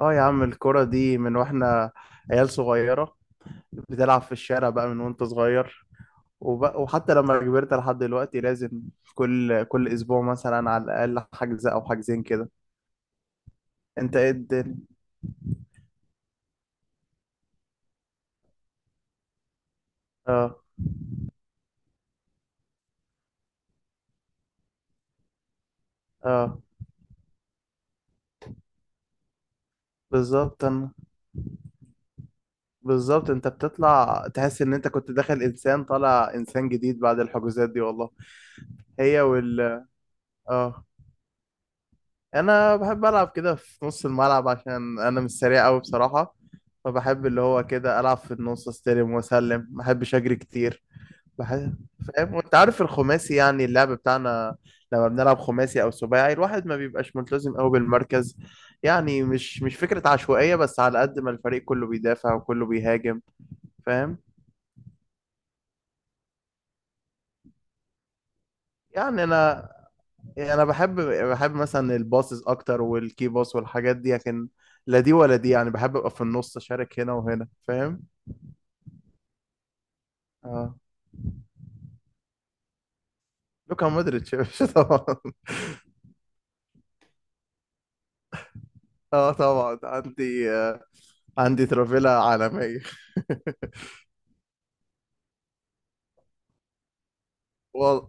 اه، يا عم الكرة دي من واحنا عيال صغيرة، بتلعب في الشارع بقى من وانت صغير، وبقى وحتى لما كبرت لحد دلوقتي لازم كل اسبوع مثلا على الاقل حجز او حجزين كده. انت ايه الدنيا؟ اه، اه، بالظبط انا بالظبط انت بتطلع تحس ان انت كنت داخل انسان طالع انسان جديد بعد الحجوزات دي والله. هي وال اه، انا بحب العب كده في نص الملعب عشان انا مش سريع قوي بصراحه. فبحب اللي هو كده العب في النص، استلم واسلم، ما بحبش اجري كتير. بحب فاهم، وانت عارف الخماسي يعني اللعب بتاعنا. لما بنلعب خماسي او سباعي الواحد ما بيبقاش ملتزم قوي بالمركز، يعني مش فكره عشوائيه، بس على قد ما الفريق كله بيدافع وكله بيهاجم. فاهم. يعني انا يعني انا بحب مثلا الباصز اكتر والكي باص والحاجات دي، لكن لا دي ولا دي، يعني بحب ابقى في النص اشارك هنا وهنا، فاهم. اه، لوكا مودريتش يا باشا طبعا. اه طبعا عندي ترافيلا عالمية وال...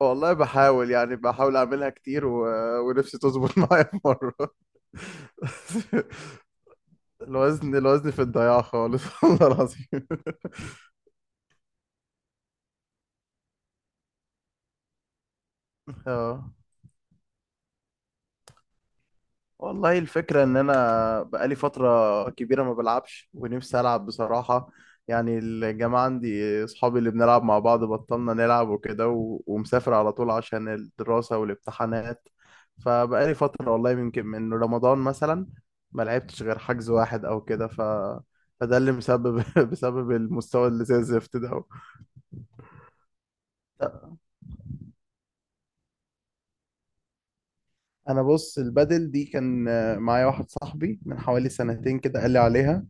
والله بحاول اعملها كتير ونفسي تظبط معايا في مرة الوزن في الضياع خالص والله العظيم. اه، والله الفكرة إن أنا بقالي فترة كبيرة ما بلعبش ونفسي ألعب بصراحة. يعني الجماعة عندي، أصحابي اللي بنلعب مع بعض، بطلنا نلعب وكده ومسافر على طول عشان الدراسة والامتحانات. فبقالي فترة والله، يمكن من رمضان مثلا ما لعبتش غير حجز واحد أو كده. فده اللي مسبب بسبب المستوى اللي زي الزفت ده. أنا بص، البدل دي كان معايا واحد صاحبي من حوالي سنتين كده قال لي عليها.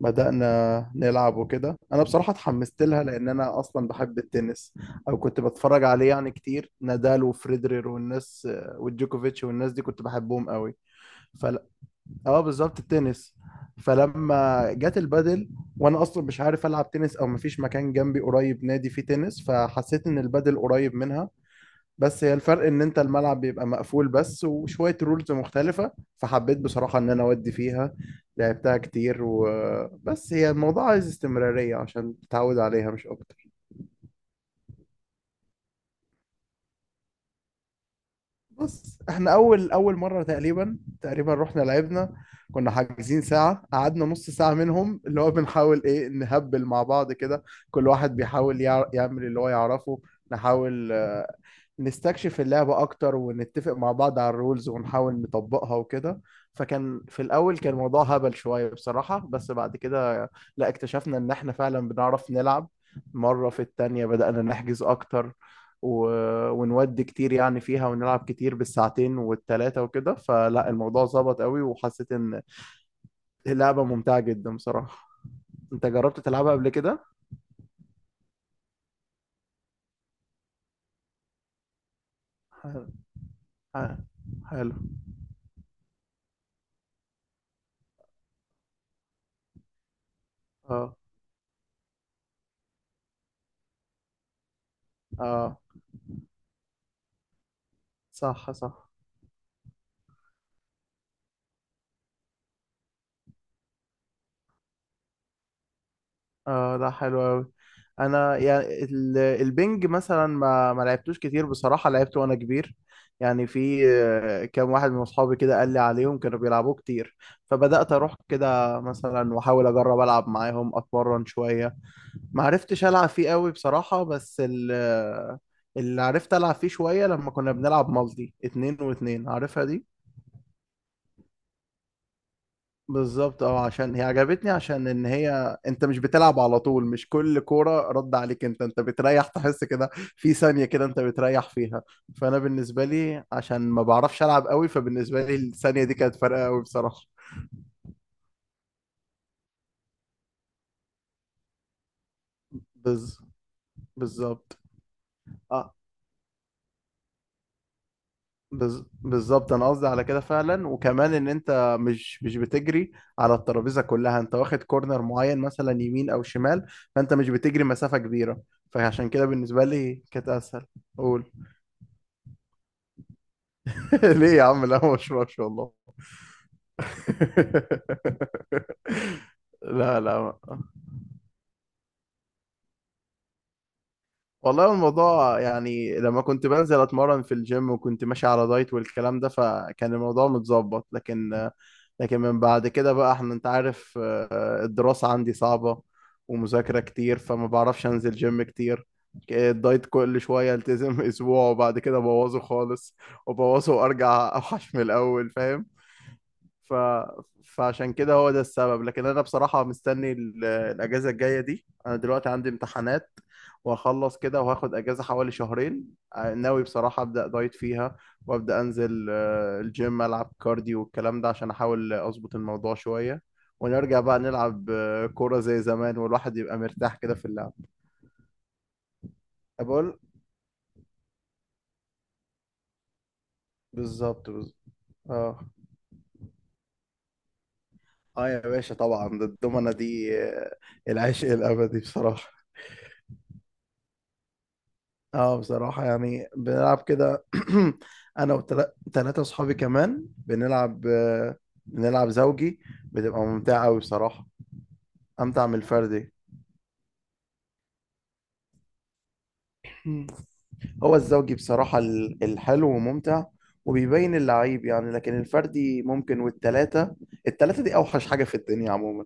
بدأنا نلعب وكده، انا بصراحة اتحمست لها، لان انا اصلا بحب التنس، او كنت بتفرج عليه يعني كتير. نادال وفريدرير والناس والجوكوفيتش والناس دي كنت بحبهم قوي. فل... اه، بالظبط، التنس. فلما جت البادل، وانا اصلا مش عارف العب تنس او مفيش مكان جنبي قريب نادي فيه تنس، فحسيت ان البادل قريب منها. بس هي الفرق ان انت الملعب بيبقى مقفول بس، وشوية رولز مختلفة. فحبيت بصراحة ان انا اودي فيها. لعبتها كتير، وبس هي الموضوع عايز استمرارية عشان تتعود عليها، مش اكتر. بص، احنا اول مرة تقريبا تقريبا رحنا لعبنا، كنا حاجزين ساعة، قعدنا نص ساعة منهم اللي هو بنحاول ايه نهبل مع بعض كده. كل واحد بيحاول يعمل اللي هو يعرفه. نحاول نستكشف اللعبة أكتر، ونتفق مع بعض على الرولز، ونحاول نطبقها وكده. في الأول كان الموضوع هبل شوية بصراحة، بس بعد كده لا، اكتشفنا إن إحنا فعلا بنعرف نلعب. مرة في التانية بدأنا نحجز أكتر و... ونودي كتير يعني فيها، ونلعب كتير بالساعتين والتلاتة وكده. فلا، الموضوع ظبط قوي، وحسيت إن اللعبة ممتعة جدا بصراحة. أنت جربت تلعبها قبل كده؟ حلو، حلو، حلو. اه، اه، صح، صح، اه، ده حلو قوي. انا يعني البنج مثلا ما لعبتوش كتير بصراحه، لعبته وانا كبير. يعني في كام واحد من اصحابي كده قال لي عليهم كانوا بيلعبوه كتير. فبدات اروح كده مثلا واحاول اجرب العب معاهم اتمرن شويه. ما عرفتش العب فيه قوي بصراحه، بس اللي عرفت العب فيه شويه لما كنا بنلعب مالتي اتنين واتنين، عارفها دي. بالظبط، اه، عشان هي عجبتني عشان ان هي انت مش بتلعب على طول، مش كل كوره رد عليك، انت بتريح، تحس كده في ثانيه كده انت بتريح فيها. فانا بالنسبه لي عشان ما بعرفش العب قوي، فبالنسبه لي الثانيه دي كانت فارقه قوي بصراحه. بز... بالظبط، اه. بالظبط، انا قصدي على كده فعلا، وكمان ان انت مش بتجري على الترابيزه كلها، انت واخد كورنر معين مثلا يمين او شمال، فانت مش بتجري مسافه كبيره. فعشان كده بالنسبه لي كانت اسهل. قول. ليه يا عم؟ لا، ما بشربش والله. لا، لا، ما. والله الموضوع يعني لما كنت بنزل اتمرن في الجيم وكنت ماشي على دايت والكلام ده، فكان الموضوع متظبط. لكن من بعد كده بقى احنا، انت عارف، الدراسة عندي صعبة، ومذاكرة كتير، فما بعرفش انزل جيم كتير. الدايت كل شوية التزم اسبوع وبعد كده ابوظه خالص، وابوظه وارجع اوحش من الاول، فاهم. ف... فعشان كده هو ده السبب، لكن انا بصراحة مستني الاجازة الجاية دي. انا دلوقتي عندي امتحانات، وهخلص كده وهاخد اجازة حوالي شهرين. ناوي بصراحة ابدا دايت فيها، وابدا انزل الجيم، العب كارديو والكلام ده عشان احاول اظبط الموضوع شوية، ونرجع بقى نلعب كورة زي زمان والواحد يبقى مرتاح كده في اللعب. بقول بالظبط، بالظبط، اه. اه، يا باشا طبعا. الضمنة دي، العشق الابدي بصراحة. اه، بصراحة يعني بنلعب كده انا وثلاثة اصحابي كمان بنلعب زوجي، بتبقى ممتعة قوي بصراحة. امتع من الفردي. مم. هو الزوجي بصراحة الحلو وممتع، وبيبين اللعيب يعني، لكن الفردي ممكن، والتلاتة، التلاتة دي اوحش حاجة في الدنيا عموما.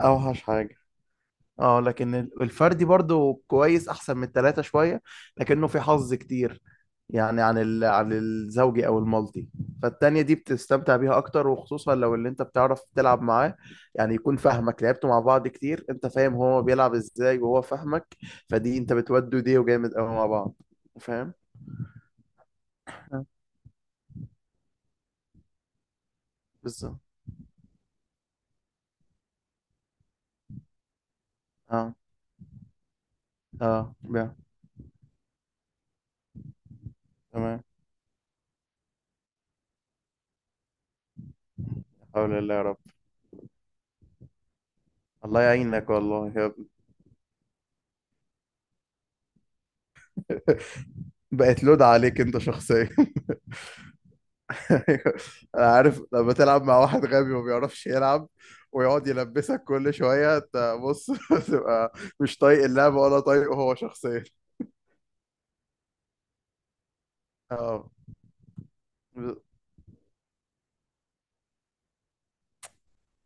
اوحش حاجة. اه، لكن الفردي برضو كويس، احسن من التلاتة شوية، لكنه في حظ كتير، يعني عن الزوجي او المالتي. فالتانية دي بتستمتع بيها اكتر، وخصوصا لو اللي انت بتعرف تلعب معاه، يعني يكون فاهمك، لعبتوا مع بعض كتير، انت فاهم هو بيلعب ازاي وهو فاهمك، فدي انت بتودوا دي، وجامد قوي مع بعض. فاهم. آه. بالظبط، اه، اه، تمام. لا حول الله يا رب. الله يعينك والله يا ابني. بقت لود عليك انت شخصيا. ايوه، انا عارف، لما تلعب مع واحد غبي وما بيعرفش يلعب ويقعد يلبسك كل شويه، انت بص تبقى مش طايق اللعبه ولا طايقه هو شخصيا. اه، ب-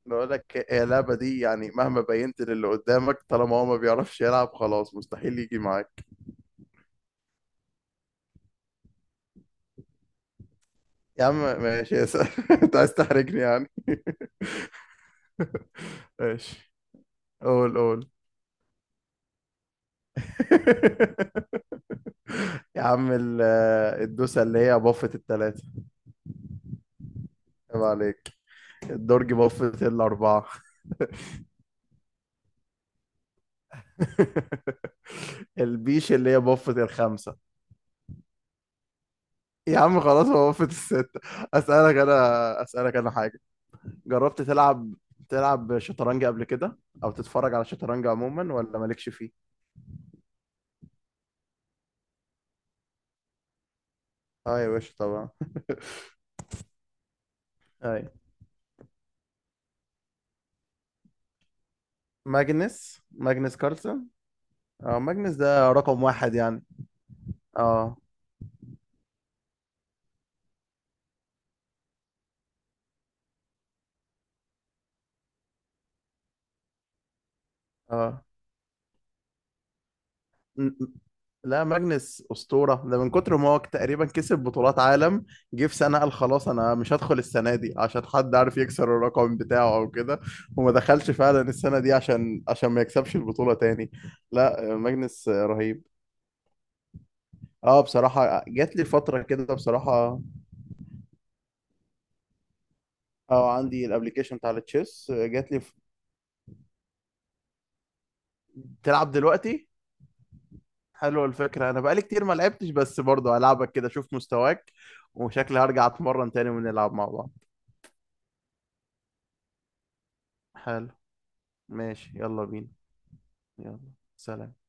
بقول لك، هي اللعبه دي يعني مهما بينت للي قدامك، طالما هو ما بيعرفش يلعب، خلاص مستحيل يجي معاك. يا عم ماشي، يا سلام انت عايز تحرجني يعني. ماشي، قول قول. يا عم الدوسه اللي هي بفت الثلاثه. عيب عليك، الدرج بفت الاربعه. البيش اللي هي بفت الخمسة. يا عم خلاص، هو بفت الستة. أسألك أنا حاجة. جربت تلعب شطرنج قبل كده، أو تتفرج على شطرنج عموما ولا مالكش فيه؟ اه يا باشا طبعا. اي. ماجنس، ماجنس كارلسن. اه، ماجنس ده رقم واحد يعني. اه، اه، م- م- لا، ماجنس أسطورة، ده من كتر ما هو تقريبا كسب بطولات عالم. جه في سنة قال خلاص أنا مش هدخل السنة دي عشان حد عارف يكسر الرقم بتاعه أو كده، وما دخلش فعلا السنة دي عشان ما يكسبش البطولة تاني. لا، ماجنس رهيب. اه، بصراحة جات لي فترة كده بصراحة. اه، عندي الابليكيشن بتاع التشيس جات لي. تلعب دلوقتي؟ حلوه الفكرة، أنا بقالي كتير ما لعبتش، بس برضه هلعبك كده أشوف مستواك، وشكلي هرجع أتمرن تاني ونلعب مع بعض. حلو، ماشي، يلا بينا. يلا، سلام.